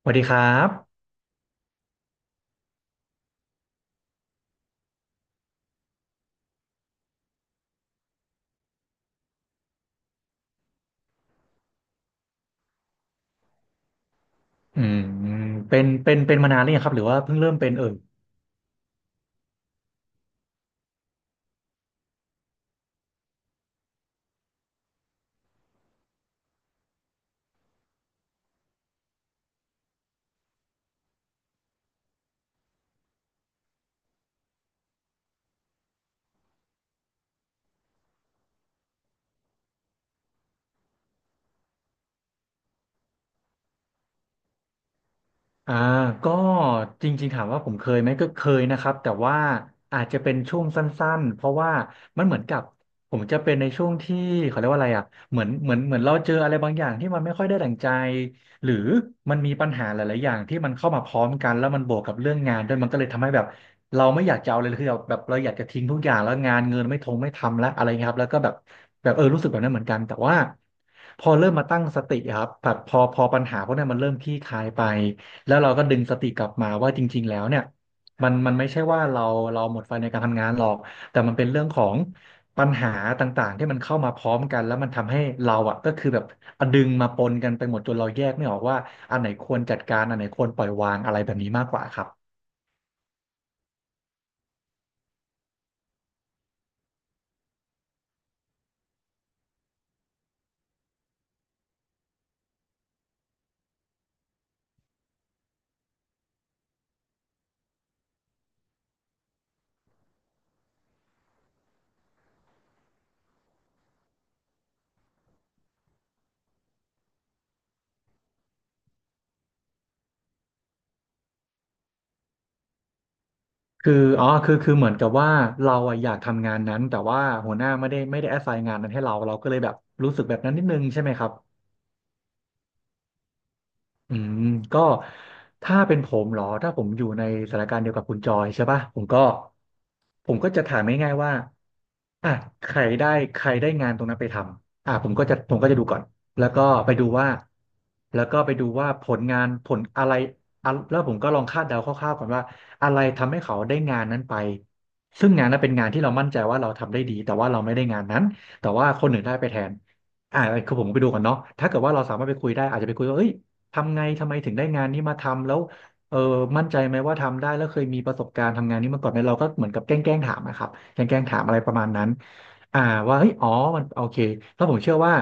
สวัสดีครับอืมเป็นมานานหรือยังครับ หรือว่าเพิ่งเริ่มเป็นเอ่ย อ่าก็จริงๆถามว่าผมเคยไหมก็เคยนะครับแต่ว่าอาจจะเป็นช่วงสั้นๆเพราะว่ามันเหมือนกับผมจะเป็นในช่วงที่เขาเรียกว่าอะไรอ่ะเหมือนเราเจออะไรบางอย่างที่มันไม่ค่อยได้ดั่งใจหรือมันมีปัญหาหลายๆอย่างที่มันเข้ามาพร้อมกันแล้วมันบวกกับเรื่องงานด้วยมันก็เลยทำให้แบบเราไม่อยากจะเอาเลยคือแบบเราอยากจะทิ้งทุกอย่างแล้วงานเงินไม่ทำแล้วอะไรเงี้ยครับแล้วก็แบบเออรู้สึกแบบนั้นเหมือนกันแต่ว่าพอเริ่มมาตั้งสติอะครับแบบพอปัญหาพวกนั้นมันเริ่มคลี่คลายไป แล้วเราก็ดึงสติกลับมาว่าจริงๆแล้วเนี่ยมันไม่ใช่ว่าเราหมดไฟในการทำงานหรอกแต่มันเป็นเรื่องของปัญหาต่างๆที่มันเข้ามาพร้อมกันแล้วมันทำให้เราอ่ะก็คือแบบดึงมาปนกันไปหมดจนเราแยกไม่ออกว่าอันไหนควรจัดการอันไหนควรปล่อยวางอะไรแบบนี้มากกว่าครับคือคือเหมือนกับว่าเราอะอยากทำงานนั้นแต่ว่าหัวหน้าไม่ได้ assign งานนั้นให้เราเราก็เลยแบบรู้สึกแบบนั้นนิดนึงใช่ไหมครับ อืมก็ถ้าเป็นผมเหรอถ้าผมอยู่ในสถานการณ์เดียวกับคุณจอยใช่ป่ะผมก็จะถามง่ายๆว่าอ่ะใครได้ใครได้งานตรงนั้นไปทำอ่ะผมก็จะดูก่อนแล้วก็ไปดูว่าแล้วก็ไปดูว่าผลงานผลอะไรอะแล้วผมก็ลองคาดเดาคร่าวๆก่อนว่าอะไรทำให้เขาได้งานนั้นไปซึ่งงานนั้นเป็นงานที่เรามั่นใจว่าเราทำได้ดีแต่ว่าเราไม่ได้งานนั้นแต่ว่าคนอื่นได้ไปแทนอ่าคือผมไปดูก่อนเนาะถ้าเกิดว่าเราสามารถไปคุยได้อาจจะไปคุยว่าเอ้ย ทำไงทำไมถึงได้งานนี้มาทำแล้วเออมั่นใจไหมว่าทำได้แล้วเคยมีประสบการณ์ทำงานนี้มาก่อนไหมเราก็เหมือนกับแกล้งถามนะครับแกล้งถามอะไรประมาณนั้นอ่าว่าเฮ้ยมันโอเคแล้วผมเชื่อว่า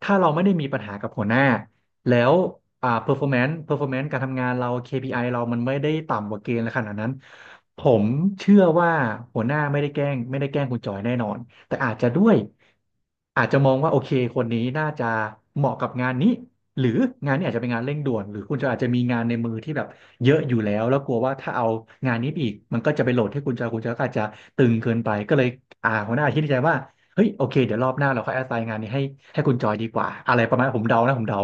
ถ้าเราไม่ได้มีปัญหากับหัวหน้าแล้วperformance การทำงานเรา KPI เรามันไม่ได้ต่ำกว่าเกณฑ์ขนาดนั้นผมเชื่อว่าหัวหน้าไม่ได้แกล้งคุณจอยแน่นอนแต่อาจจะด้วยอาจจะมองว่าโอเคคนนี้น่าจะเหมาะกับงานนี้ หรืองานนี้อาจจะเป็นงานเร่งด่วนหรือคุณจะอาจจะมีงานในมือที่แบบเยอะอยู่แล้วแล้วกลัวว่าถ้าเอางานนี้ไปอีกมันก็จะไปโหลดให้คุณจอยคุณจอยก็อาจจะตึงเกินไปก็เลยหัวหน้าคิดในใจว่าเฮ้ยโอเคเดี๋ยวรอบหน้าเราค่อยแอสไซน์งานนี้ให้ให้คุณจอยดีกว่าอะไรประมาณผมเดา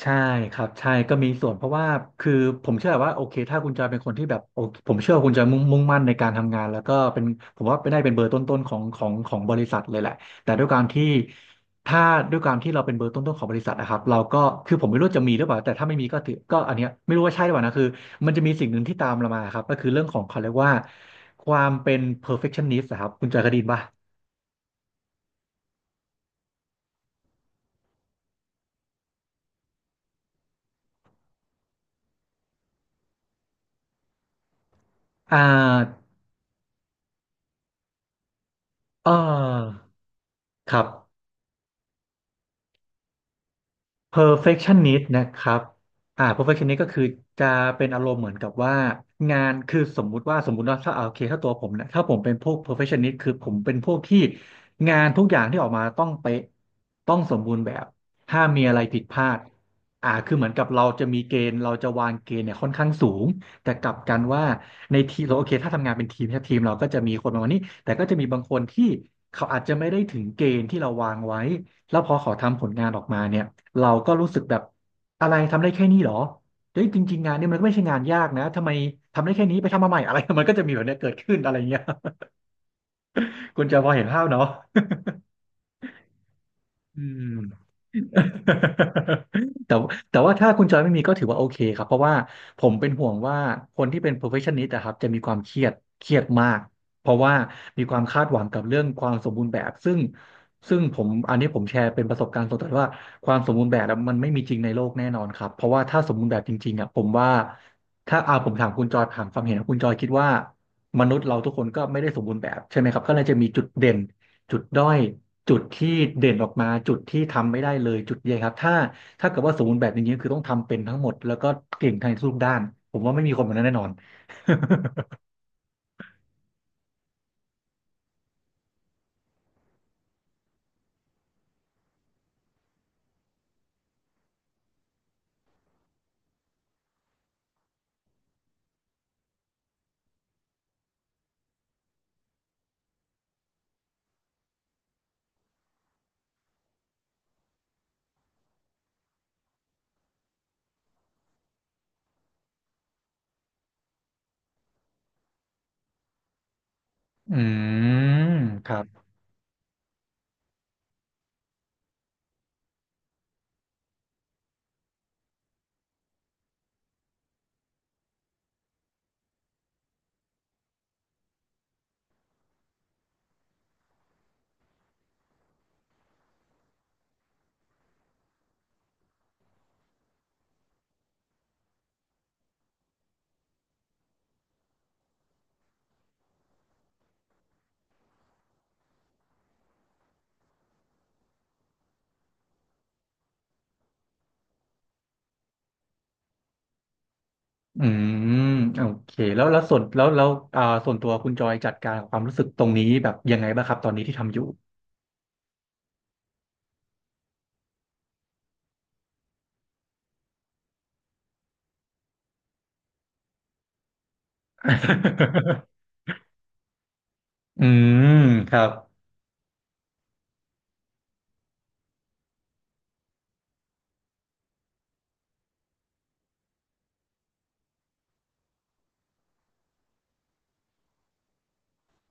ใช่ครับใช่ก็มีส่วนเพราะว่าคือผมเชื่อว่าโอเคถ้าคุณจอยเป็นคนที่แบบโอเคผมเชื่อว่าคุณจะมุ่งมั่นในการทำงานแล้วก็เป็นผมว่าเป็นได้เป็นเบอร์ต้นๆของบริษัทเลยแหละแต่ด้วยการที่ถ้าด้วยการที่เราเป็นเบอร์ต้นๆของบริษัทนะครับเราก็คือผมไม่รู้จะมีหรือเปล่าแต่ถ้าไม่มีก็ถือก็อันเนี้ยไม่รู้ว่าใช่หรือเปล่านะคือมันจะมีสิ่งหนึ่งที่ตามเรามาครับก็คือเรื่องของเขาเรียกว่าความเป็น perfectionist อะครับคุณจอยเคยได้ยินป่ะอ่าเออครับ perfectionist นะครับperfectionist ก็คือจะเป็นอารมณ์เหมือนกับว่างานคือสมมุติว่าถ้าเอาโอเคถ้าตัวผมนะถ้าผมเป็นพวก perfectionist คือผมเป็นพวกที่งานทุกอย่างที่ออกมาต้องเป๊ะต้องสมบูรณ์แบบห้ามมีอะไรผิดพลาดคือเหมือนกับเราจะมีเกณฑ์เราจะวางเกณฑ์เนี่ยค่อนข้างสูง แต่กลับกันว่าในทีมเราโอเคถ้าทำงานเป็นทีมถ้าทีมเราก็จะมีคนประมาณนี้แต่ก็จะมีบางคนที่เขาอาจจะไม่ได้ถึงเกณฑ์ที่เราวางไว้ แล้วพอเขาทำผลงานออกมาเนี่ยเราก็รู้สึกแบบอะไรทำได้แค่นี้เหรอเฮ้ยจริงๆงานเนี่ยมันก็ไม่ใช่งานยากนะทำไมทำได้แค่นี้ไปทำมาใหม่อะไร มันก็จะมีแบบเนี้ยเกิดขึ้นอะไรเงี้ย คุณจะพอเห็นภาพเนาะอืม แต่แต่ว่าถ้าคุณจอยไม่มีก็ถือว่าโอเคครับเพราะว่าผมเป็นห่วงว่าคนที่เป็น perfectionist นะครับจะมีความเครียดเครียดมากเพราะว่ามีความคาดหวังกับเรื่องความสมบูรณ์แบบซึ่งผมอันนี้ผมแชร์เป็นประสบการณ์ส่วนตัวว่าความสมบูรณ์แบบอะมันไม่มีจริงในโลกแน่นอนครับเพราะว่าถ้าสมบูรณ์แบบจริงๆอ่ะผมว่าถ้าผมถามคุณจอยถามความเห็นของคุณจอยคิดว่ามนุษย์เราทุกคนก็ไม่ได้สมบูรณ์แบบใช่ไหมครับก็เลยจะมีจุดเด่น จุดด้อยจุดที่เด่นออกมาจุดที่ทำไม่ได้เลยจุดใหญ่ครับถ้าเกิดว่าสมบูรณ์แบบอย่างนี้ยคือต้องทำเป็นทั้งหมดแล้วก็เก่งทางทุกด้านผมว่าไม่มีคนแบบนั้นแน่นอนอืมครับอืมโอเคแล้วส่วนตัวคุณจอยจัดการกับความรู้สึกตรงนี้แบบยังไงบ้างครับตอนนี้ที่ทำอยู่ อืมครับ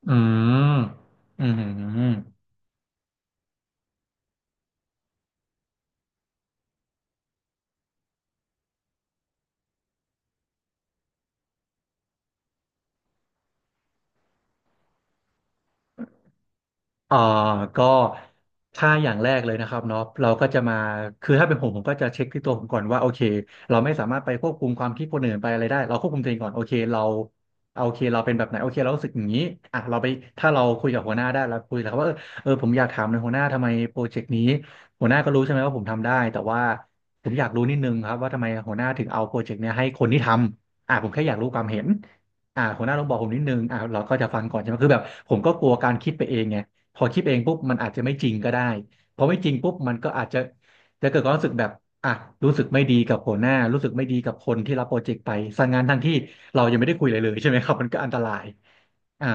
อืมอืม อ่อก็ถ้าอย่างแรกเลยนะครับเนาะเราก็จะมาคือถ้าเป็นผมผมก็จะเช็คที่ตัวผมก่อนว่าโอเคเราไม่สามารถไปควบคุมความคิดคนอื่นไปอะไรได้เราควบคุมตัวเองก่อนโอเคเราโอเคเราเป็นแบบไหนโอเคเรารู้สึกอย่างนี้อ่ะเราไปถ้าเราคุยกับหัวหน้าได้เราคุยแล้วว่าเออผมอยากถามในหัวหน้าทำไมโปรเจกต์นี้หัวหน้าก็รู้ใช่ไหมว่าผมทำได้แต่ว่าผมอยากรู้นิดนึงครับว่าทำไมหัวหน้าถึงเอาโปรเจกต์เนี้ยให้คนที่ทำอ่ะผมแค่อยากรู้ความเห็นหัวหน้าลองบอกผมนิดนึงเราก็จะฟังก่อนใช่ไหมคือแบบผมก็กลัวการคิดไปเองไง พอคิดเองปุ๊บมันอาจจะไม่จริงก็ได้พอไม่จริงปุ๊บมันก็อาจจะเกิดความรู้สึกแบบอ่ะรู้สึกไม่ดีกับหัวหน้ารู้สึกไม่ดีกับคนที่รับโปรเจกต์ไปสั่งงานทั้งที่เรายังไม่ได้คุยเลยใช่ไหมครับมันก็อันตรายอ่า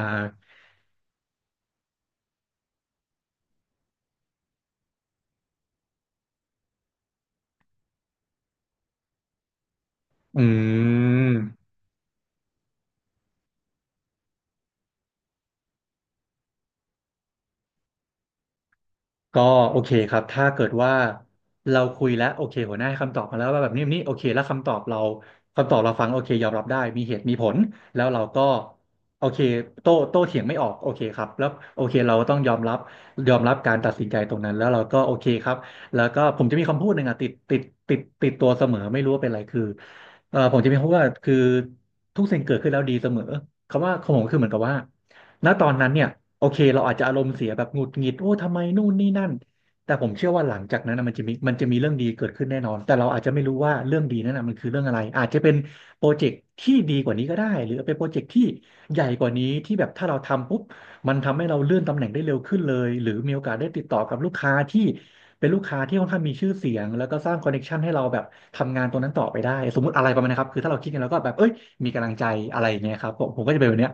อืม ก็โอเคครับถ้าเกิดว่าเราคุยแล้วโอเคหัวหน้าให้คำตอบมาแล้วว่าแบบนี้โอเคแล้วคำตอบเราฟังโอเคยอมรับได้มีเหตุมีผลแล้วเราก็โอเคโต้เถียงไม่ออกโอเคครับแล้วโอเคเราต้องยอมรับยอมรับการตัดสินใจตรงนั้นแล้วเราก็โอเคครับแล้วก็ผมจะมีคำพูดหนึ่งอะติดตัวเสมอไม่รู้ว่าเป็นอะไรคือเออผมจะมีคำพูดว่าคือทุกสิ่งเกิดขึ้นแล้วดีเสมอคำว่าของผมคือเหมือนกับว่า ณตอนนั้นเนี่ยโอเคเราอาจจะอารมณ์เสียแบบหงุดหงิดโอ้ทำไมนู่นนี่นั่นแต่ผมเชื่อว่าหลังจากนั้นนะมันจะมีเรื่องดีเกิดขึ้นแน่นอนแต่เราอาจจะไม่รู้ว่าเรื่องดีนั้นนะมันคือเรื่องอะไรอาจจะเป็นโปรเจกต์ที่ดีกว่านี้ก็ได้หรือเป็นโปรเจกต์ที่ใหญ่กว่านี้ที่แบบถ้าเราทำปุ๊บมันทำให้เราเลื่อนตำแหน่งได้เร็วขึ้นเลยหรือมีโอกาสได้ติดต่อกับลูกค้าที่เป็นลูกค้าที่ค่อนข้างมีชื่อเสียงแล้วก็สร้างคอนเนคชันให้เราแบบทำงานตรงนั้นต่อไปได้สมมติอะไรประมาณนี้ครับคือถ้าเราคิดกันแล้วก็แบบเอ้ยมีกำลังใจอะไรอย่างเงี้ยครับผมก็จะเป็นแบบเนี้ย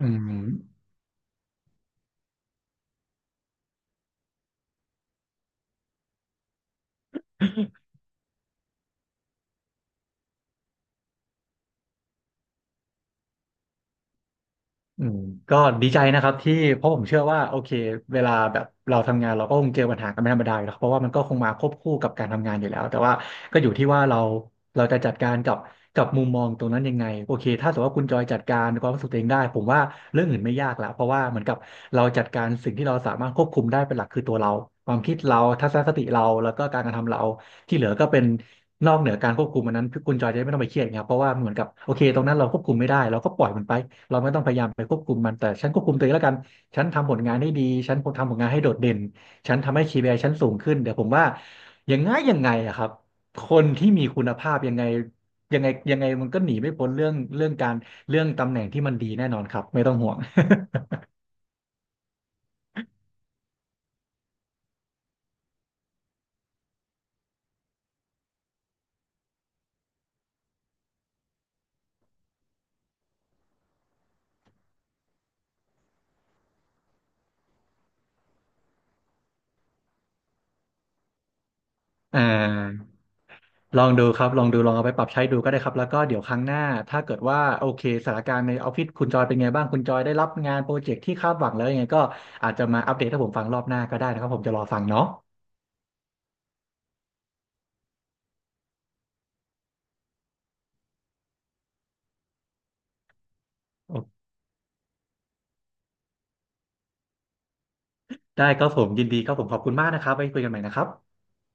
อืมอืมก็ดีใจนะครับที่เพราะผมเชื่อว่าโอเคเวลาแบบเราทำงานเราก็คงเจอปัญหากันเป็นธรรมดาอยู่แล้วเพราะว่ามันก็คงมาควบคู่กับการทำงานอยู่แล้วแต่ว่าก็อยู่ที่ว่าเราจะจัดการกับมุมมองตรงนั้นยังไงโอเคถ้าสมมติว่าคุณจอยจัดการความรู้สึกตัวเองได้ผมว่าเรื่องอื่นไม่ยากละเพราะว่าเหมือนกับเราจัดการสิ่งที่เราสามารถควบคุมได้เป็นหลักคือตัวเราความคิดเราทัศนคติเราแล้วก็การกระทำเรา ที่เหลือก็เป็นนอกเหนือการควบคุมอันนั้นคุณจอยจะไม่ต้องไปเครียดไครับเพราะว่าเหมือนกับโอเคตรงนั้นเราควบคุมไม่ได้เราก็ปล่อยมันไปเราไม่ต้องพยายามไปควบคุมมันแต่ฉันควบคุมตัวเองแล้วกันฉันทำผลงานให้ดีฉันทำผลงานให้โดดเด่นฉันทำให้ KPI ฉันสูงขึ้นเดี๋ยวผมว่ายังไงอะครับคนที่มีคุณภาพยังไงมันก็หนีไม่พ้นเรื่องตำแหน่งที่มันดีแน่นอนครับไม่ต้องห่วง อ่า ลองดูครับลองเอาไปปรับใช้ดูก็ได้ครับแล้วก็เดี๋ยวครั้งหน้าถ้าเกิดว่าโอเคสถานการณ์ในออฟฟิศคุณจอยเป็นไงบ้างคุณจอยได้รับงานโปรเจกต์ที่คาดหวังแล้วยังไงก็อาจจะมาอัปเดตให้ผมฟังรอบหน้าก็ได้นะครับผมจะรอฟังเนาะโอได้ครับผมยินดีครับผมขอบคุณมากนะครับไว้คุยกันใหม่นะครับ